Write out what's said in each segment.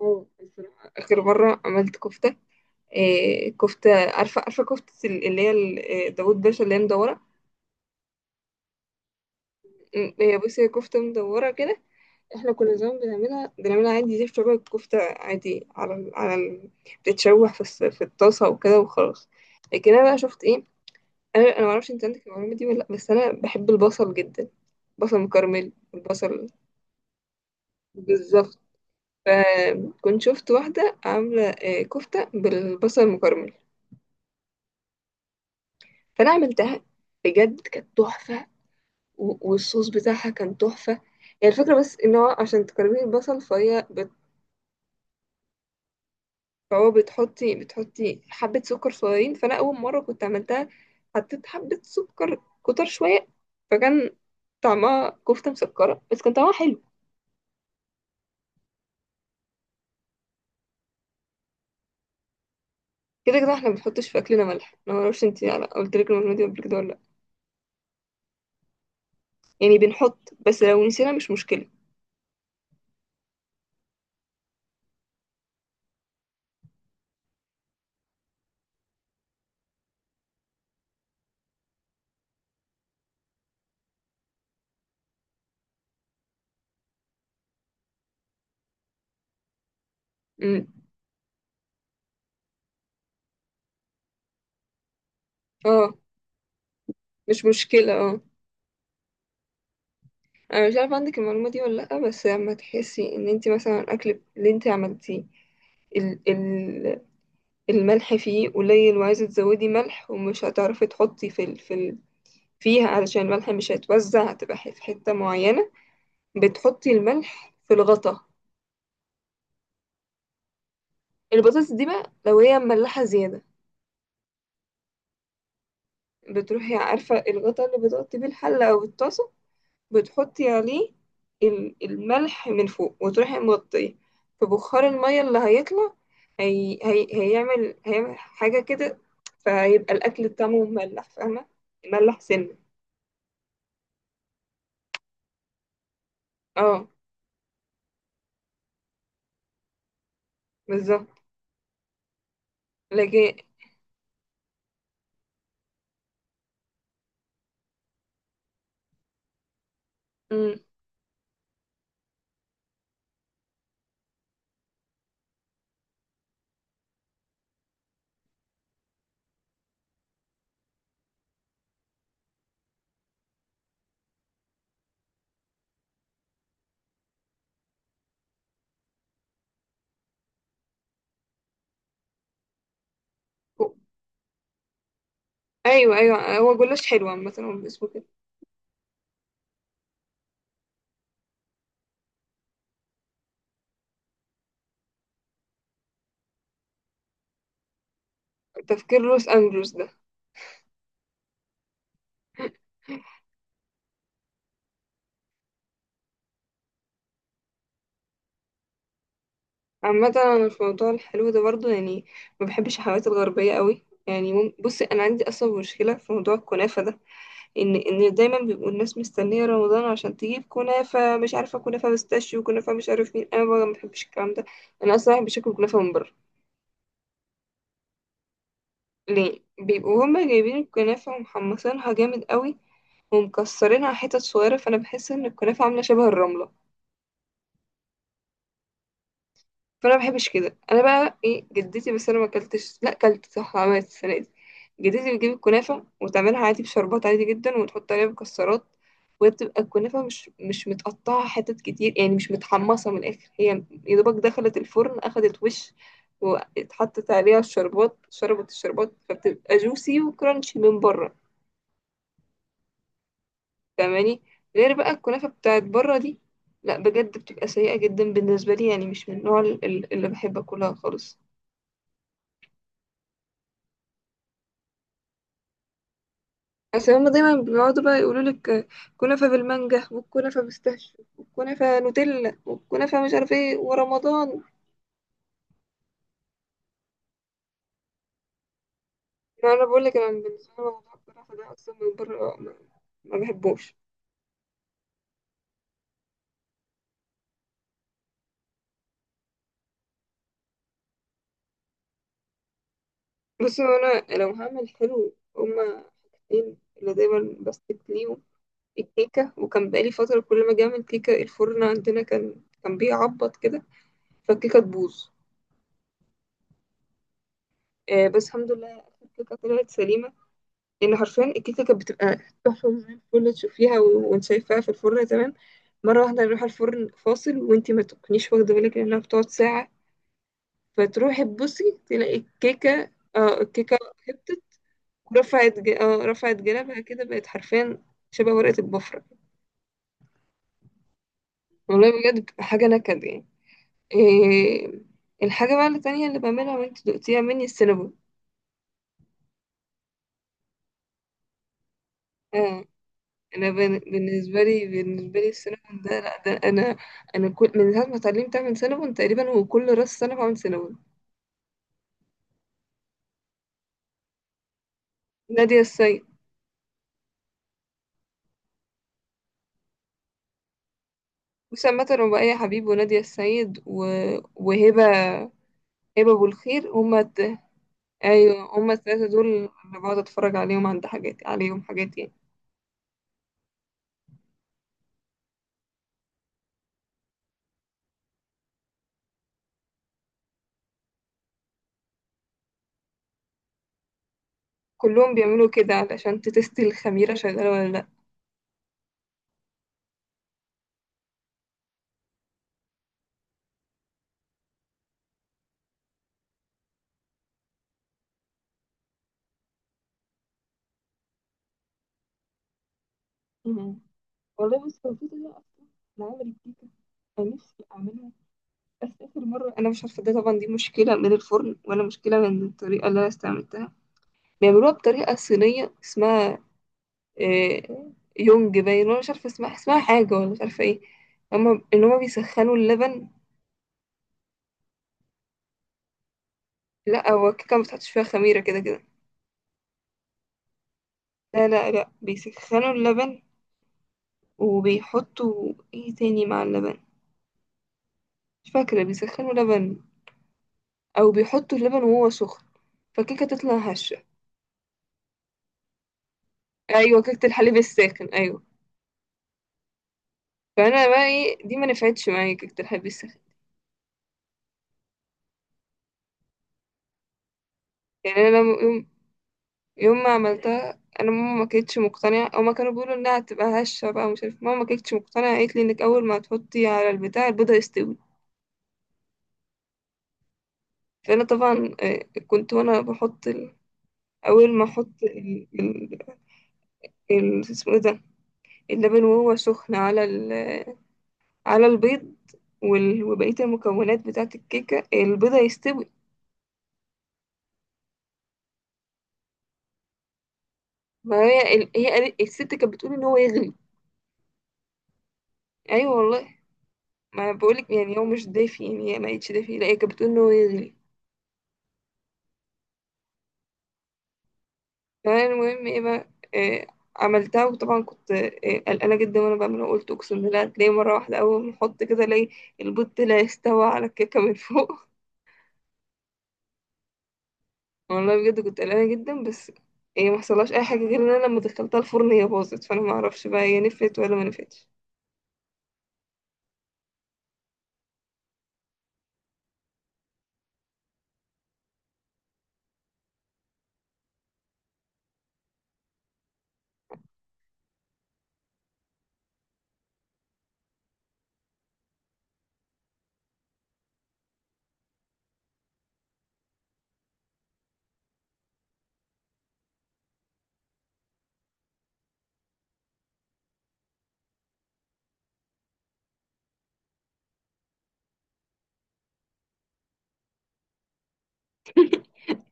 اه، الصراحة آخر مرة عملت كفتة. إيه كفتة، عارفة كفتة اللي هي ال- إيه، داوود باشا اللي هي مدورة. هي بصي، هي كفتة مدورة كده. احنا كنا زمان بنعملها عادي، زي شبه الكفتة، عادي بتتشوح في الطاسة وكده وخلاص. لكن انا بقى شفت ايه. انا معرفش انت عندك المعلومة دي ولا لا، بس انا بحب البصل جدا. بصل مكرمل البصل. بالظبط. فكنت شفت واحدة عاملة كفتة بالبصل المكرمل. فانا عملتها، بجد كانت تحفه. والصوص بتاعها كان تحفه. هي الفكره بس ان هو عشان تكرمي البصل، فهو بتحطي حبه سكر صغيرين. فانا اول مره كنت عملتها، حطيت حبه سكر كتر شويه، فكان طعمها كفته مسكره، بس كان طعمها حلو. كده كده احنا ما بنحطش في اكلنا ملح. انا ما اعرفش انت قلت لك المعلومه دي قبل كده ولا لا. يعني بنحط، بس لو نسينا مش مشكله. امم. اه، مش مشكله، اه. انا مش عارفه عندك المعلومه دي ولا لا، بس لما تحسي ان انت مثلا الاكل اللي انت عملتيه ال ال الملح فيه قليل، وعايزه تزودي ملح ومش هتعرفي تحطي في ال في ال فيها، علشان الملح مش هيتوزع، هتبقى في حته معينه. بتحطي الملح في الغطا. البطاطس دي بقى لو هي مملحه زياده، بتروحي، عارفه الغطا اللي بتغطي بيه الحله او الطاسه، بتحطي عليه الملح من فوق وتروحي مغطيه. فبخار المية اللي هيطلع هي... هي... هيعمل هيعمل حاجة كده. فهيبقى الأكل طعمه مملح، فاهمة؟ مملح سنة. اه، بالظبط. لكن. مم. أيوه أيوه، هو جلاش حلو عامة، هو اسمه كده. تفكير لوس أنجلوس ده. عامة أنا في موضوع الحلو ده برضو يعني ما بحبش الحلويات الغربية قوي يعني. بصي، أنا عندي أصلا مشكلة في موضوع الكنافة ده، ان دايما بيبقوا الناس مستنيه رمضان عشان تجيب كنافه، مش عارفه كنافه بيستاشيو، وكنافه مش عارف مين. انا بقى ما بحبش الكلام ده. انا اصلا بحب اكل كنافه من بره. ليه؟ بيبقوا هما جايبين الكنافه ومحمصينها جامد قوي، ومكسرينها حتت صغيره، فانا بحس ان الكنافه عامله شبه الرمله. فانا ما بحبش كده. انا بقى، ايه، جدتي، بس انا ما اكلتش، لا اكلت صح عملت السنه دي. جدتي بتجيب الكنافه وتعملها عادي بشربات عادي جدا، وتحط عليها مكسرات. وهي بتبقى الكنافه مش متقطعه حتت كتير، يعني مش متحمصه من الاخر. هي يا دوبك دخلت الفرن اخدت وش، واتحطت عليها الشربات، شربت الشربات، فبتبقى جوسي وكرانشي من بره. فاهماني؟ غير بقى الكنافه بتاعت بره دي، لا بجد بتبقى سيئه جدا بالنسبه لي، يعني مش من النوع اللي بحب اكلها خالص. بس هما دايما بيقعدوا بقى يقولوا لك كنافة بالمانجا، والكنافة بالستاش، والكنافة نوتيلا، والكنافة مش عارف ايه، ورمضان. يعني انا بقول لك انا بالنسبة لي موضوع الكنافة ده اصلا من بره ما بحبوش. بس هو انا لو هعمل حلو، هما حاجتين اللي دايما بستك ليهم: الكيكة. وكان بقالي فترة كل ما اجي اعمل كيكة، الفرن عندنا كان بيعبط كده، فالكيكة تبوظ. بس الحمد لله آخر كيكة طلعت سليمة. لان حرفيا الكيكه كانت بتبقى تحفه زي الفل، تشوفيها وانت شايفاها في الفرن تمام، مره واحده نروح الفرن فاصل وانت ما تكونيش واخده بالك لانها بتقعد ساعه، فتروحي تبصي تلاقي الكيكه. اه، الكيكه هبطت. رفعت ج... اه رفعت جنبها كده، بقت حرفيا شبه ورقه البفره. والله بجد بتبقى حاجه نكد يعني. إيه... الحاجه بقى التانيه اللي بعملها وانت دقتيها مني السينابون. آه، انا بالنسبه لي السينابون ده، لا ده انا انا كل من ساعه ما اتعلمت اعمل سينابون تقريبا، وكل راس سنه بعمل سينابون. نادية السيد. وسام مطر، وبقية حبيب، ونادية السيد، وهبة، هبة أبو الخير، هما أيوة هما الثلاثة دول اللي بقعد أتفرج عليهم، عند حاجات عليهم حاجات يعني. كلهم بيعملوا كده علشان تتست الخميرة شغالة ولا لأ. مم. والله بس كان في طريقة أصلا لعمل الكيكة أنا نفسي أعملها، بس آخر مرة أنا مش عارفة، ده طبعا دي مشكلة من الفرن ولا مشكلة من الطريقة اللي أنا استعملتها. بيعملوها بطريقة صينية اسمها، آه، يونج باين، وأنا مش عارفة اسمها حاجة ولا مش عارفة ايه. هما بيسخنوا اللبن. لا، هو الكيكة ما بتحطش فيها خميرة كده كده. لا لا لا، بيسخنوا اللبن وبيحطوا ايه تاني مع اللبن، مش فاكرة. بيسخنوا لبن أو بيحطوا اللبن وهو سخن، فالكيكة تطلع هشة. أيوة، كيكة الحليب الساخن، أيوة. فانا بقى ايه، دي ما نفعتش معايا كيكه الحليب الساخن. يعني انا يوم يوم ما عملتها، انا ماما ما كانتش مقتنعه، او ما كانوا بيقولوا انها هتبقى هشه بقى، ومش عارف، ماما ما كانتش مقتنعه. قالت لي انك اول ما هتحطي على البتاع البيضه يستوي. فانا طبعا، كنت وانا بحط اول ما احط اسمه ايه ده، اللبن وهو سخن على البيض وبقيه المكونات بتاعه الكيكه، البيضه يستوي. ما هي الست كانت بتقول ان هو يغلي. ايوه والله. ما بقولك، يعني هو مش دافي، يعني هي ما قالتش دافي، لا هي كانت بتقول ان هو يغلي. تمام. المهم ايه بقى، إيه عملتها، وطبعا كنت قلقانه جدا وانا بعملها، وقلت اقسم بالله هتلاقي مره واحده اول ما احط كده الاقي البوت لا يستوى على الكيكه من فوق. والله بجد كنت قلقانه جدا، بس ما حصلهاش اي حاجه، غير ان انا لما دخلتها الفرن هي باظت، فانا ما اعرفش بقى هي نفت ولا ما نفتش.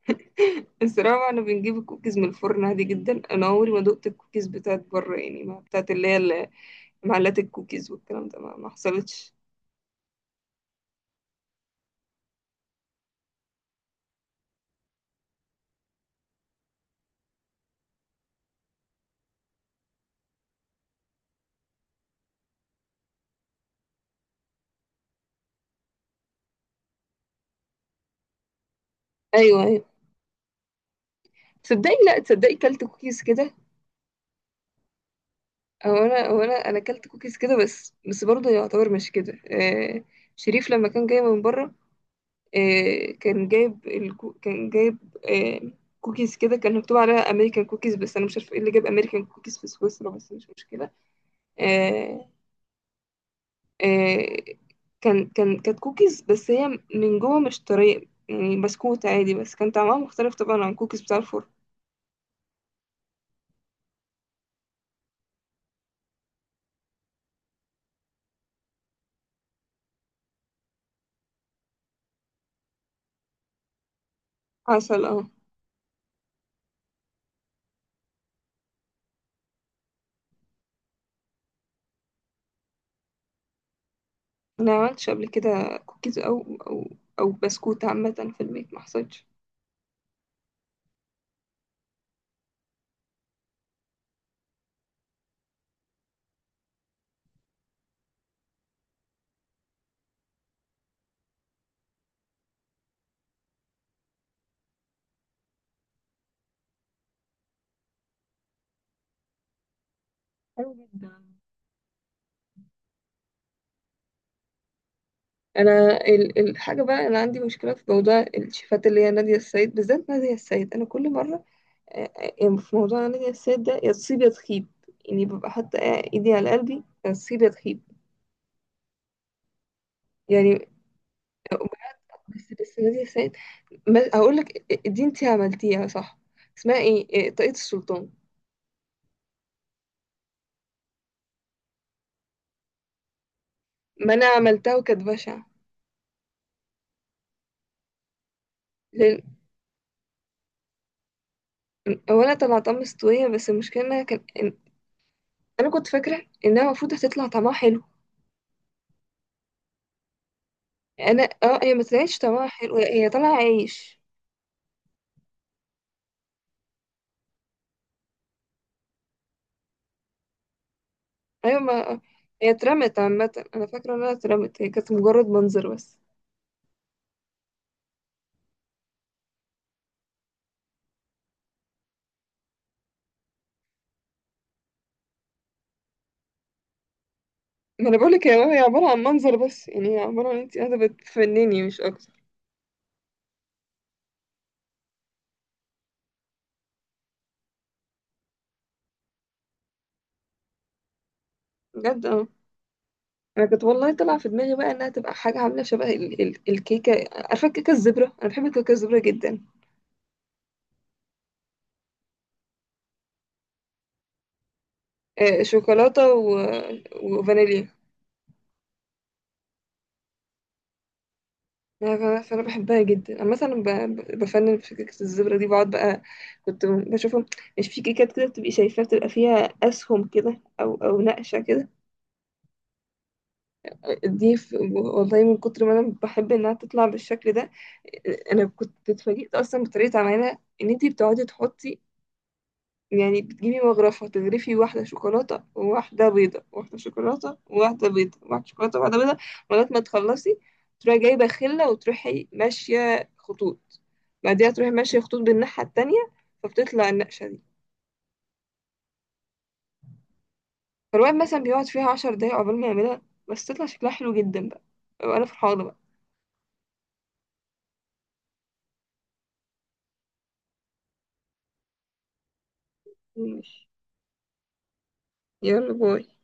الصراحه انا بنجيب الكوكيز من الفرن عادي جدا، انا عمري ما دقت الكوكيز بتاعت بره، يعني ما بتاعت اللي هي معلات الكوكيز والكلام ده ما حصلتش. ايوه ايوه، تصدقي لا تصدقي كلت كوكيز كده. هو انا اكلت كوكيز كده، بس برضه يعتبر مش كده. آه شريف لما كان جاي من بره، كان جايب آه كوكيز كده، كان مكتوب عليها امريكان كوكيز، بس انا مش عارفه ايه اللي جاب امريكان كوكيز في سويسرا، بس مش مشكله. آه آه كانت كوكيز، بس هي من جوه مش طريه، يعني بسكوت عادي، بس كان طعمها مختلف طبعا عن كوكيز بتاع الفرن. عسل، اه. انا ما عملتش قبل كده كوكيز او بسكوت عامه في البيت، ما حصلش. حلو جدا. انا الحاجه بقى، انا عندي مشكله في موضوع الشيفات، اللي هي ناديه السيد بالذات. ناديه السيد، انا كل مره، يعني في موضوع ناديه السيد ده يا تصيب يا تخيب. يعني ببقى حاطه ايدي على قلبي يا تصيب يا تخيب. يعني بس ناديه السيد، ما هقول لك دي انتي عملتيها صح، اسمها ايه، طاقية السلطان. ما انا عملتها وكانت بشعه. لان اولا طلعتها مستويه، بس المشكله انها كان انا كنت فاكره انها المفروض هتطلع طعمها حلو. انا، هي ما طلعتش طعمها حلو، هي طالعه عيش. ايوه، ما هي اترمت عامه، انا فاكره انها اترمت، هي كانت مجرد منظر بس. ما انا بقولك هي عباره عن منظر بس، يعني هي عباره عن انت قاعده بتفنني مش اكتر. بجد، اه. انا كنت والله طالعه في دماغي بقى انها تبقى حاجه عامله شبه ال ال الكيكه، عارفه الكيكه الزبره، انا بحب الكيكه الزبره جدا. آه، شوكولاته وفانيليا. لا، فأنا بحبها جدا، انا مثلا بفنن في كيكه الزبره دي، بقعد بقى كنت بشوفهم، مش في كيكات كده بتبقي شايفاها بتبقى فيها اسهم كده او نقشه كده. دي، والله من كتر ما انا بحب انها تطلع بالشكل ده، انا كنت اتفاجئت اصلا بطريقه عملها، ان انتي بتقعدي تحطي، يعني بتجيبي مغرفة تغرفي واحدة شوكولاتة وواحدة بيضة، واحدة شوكولاتة وواحدة بيضة، واحدة شوكولاتة وواحدة بيضة، لغاية ما تخلصي، تروحي جايبة خلة وتروحي ماشية خطوط، بعديها تروحي ماشية خطوط بالناحية التانية، فبتطلع النقشة دي. فالواحد مثلا بيقعد فيها 10 دقايق عقبال ما يعملها، بس تطلع شكلها حلو جدا بقى. أبقى أنا فرحانة بقى. ماشي. يلا باي.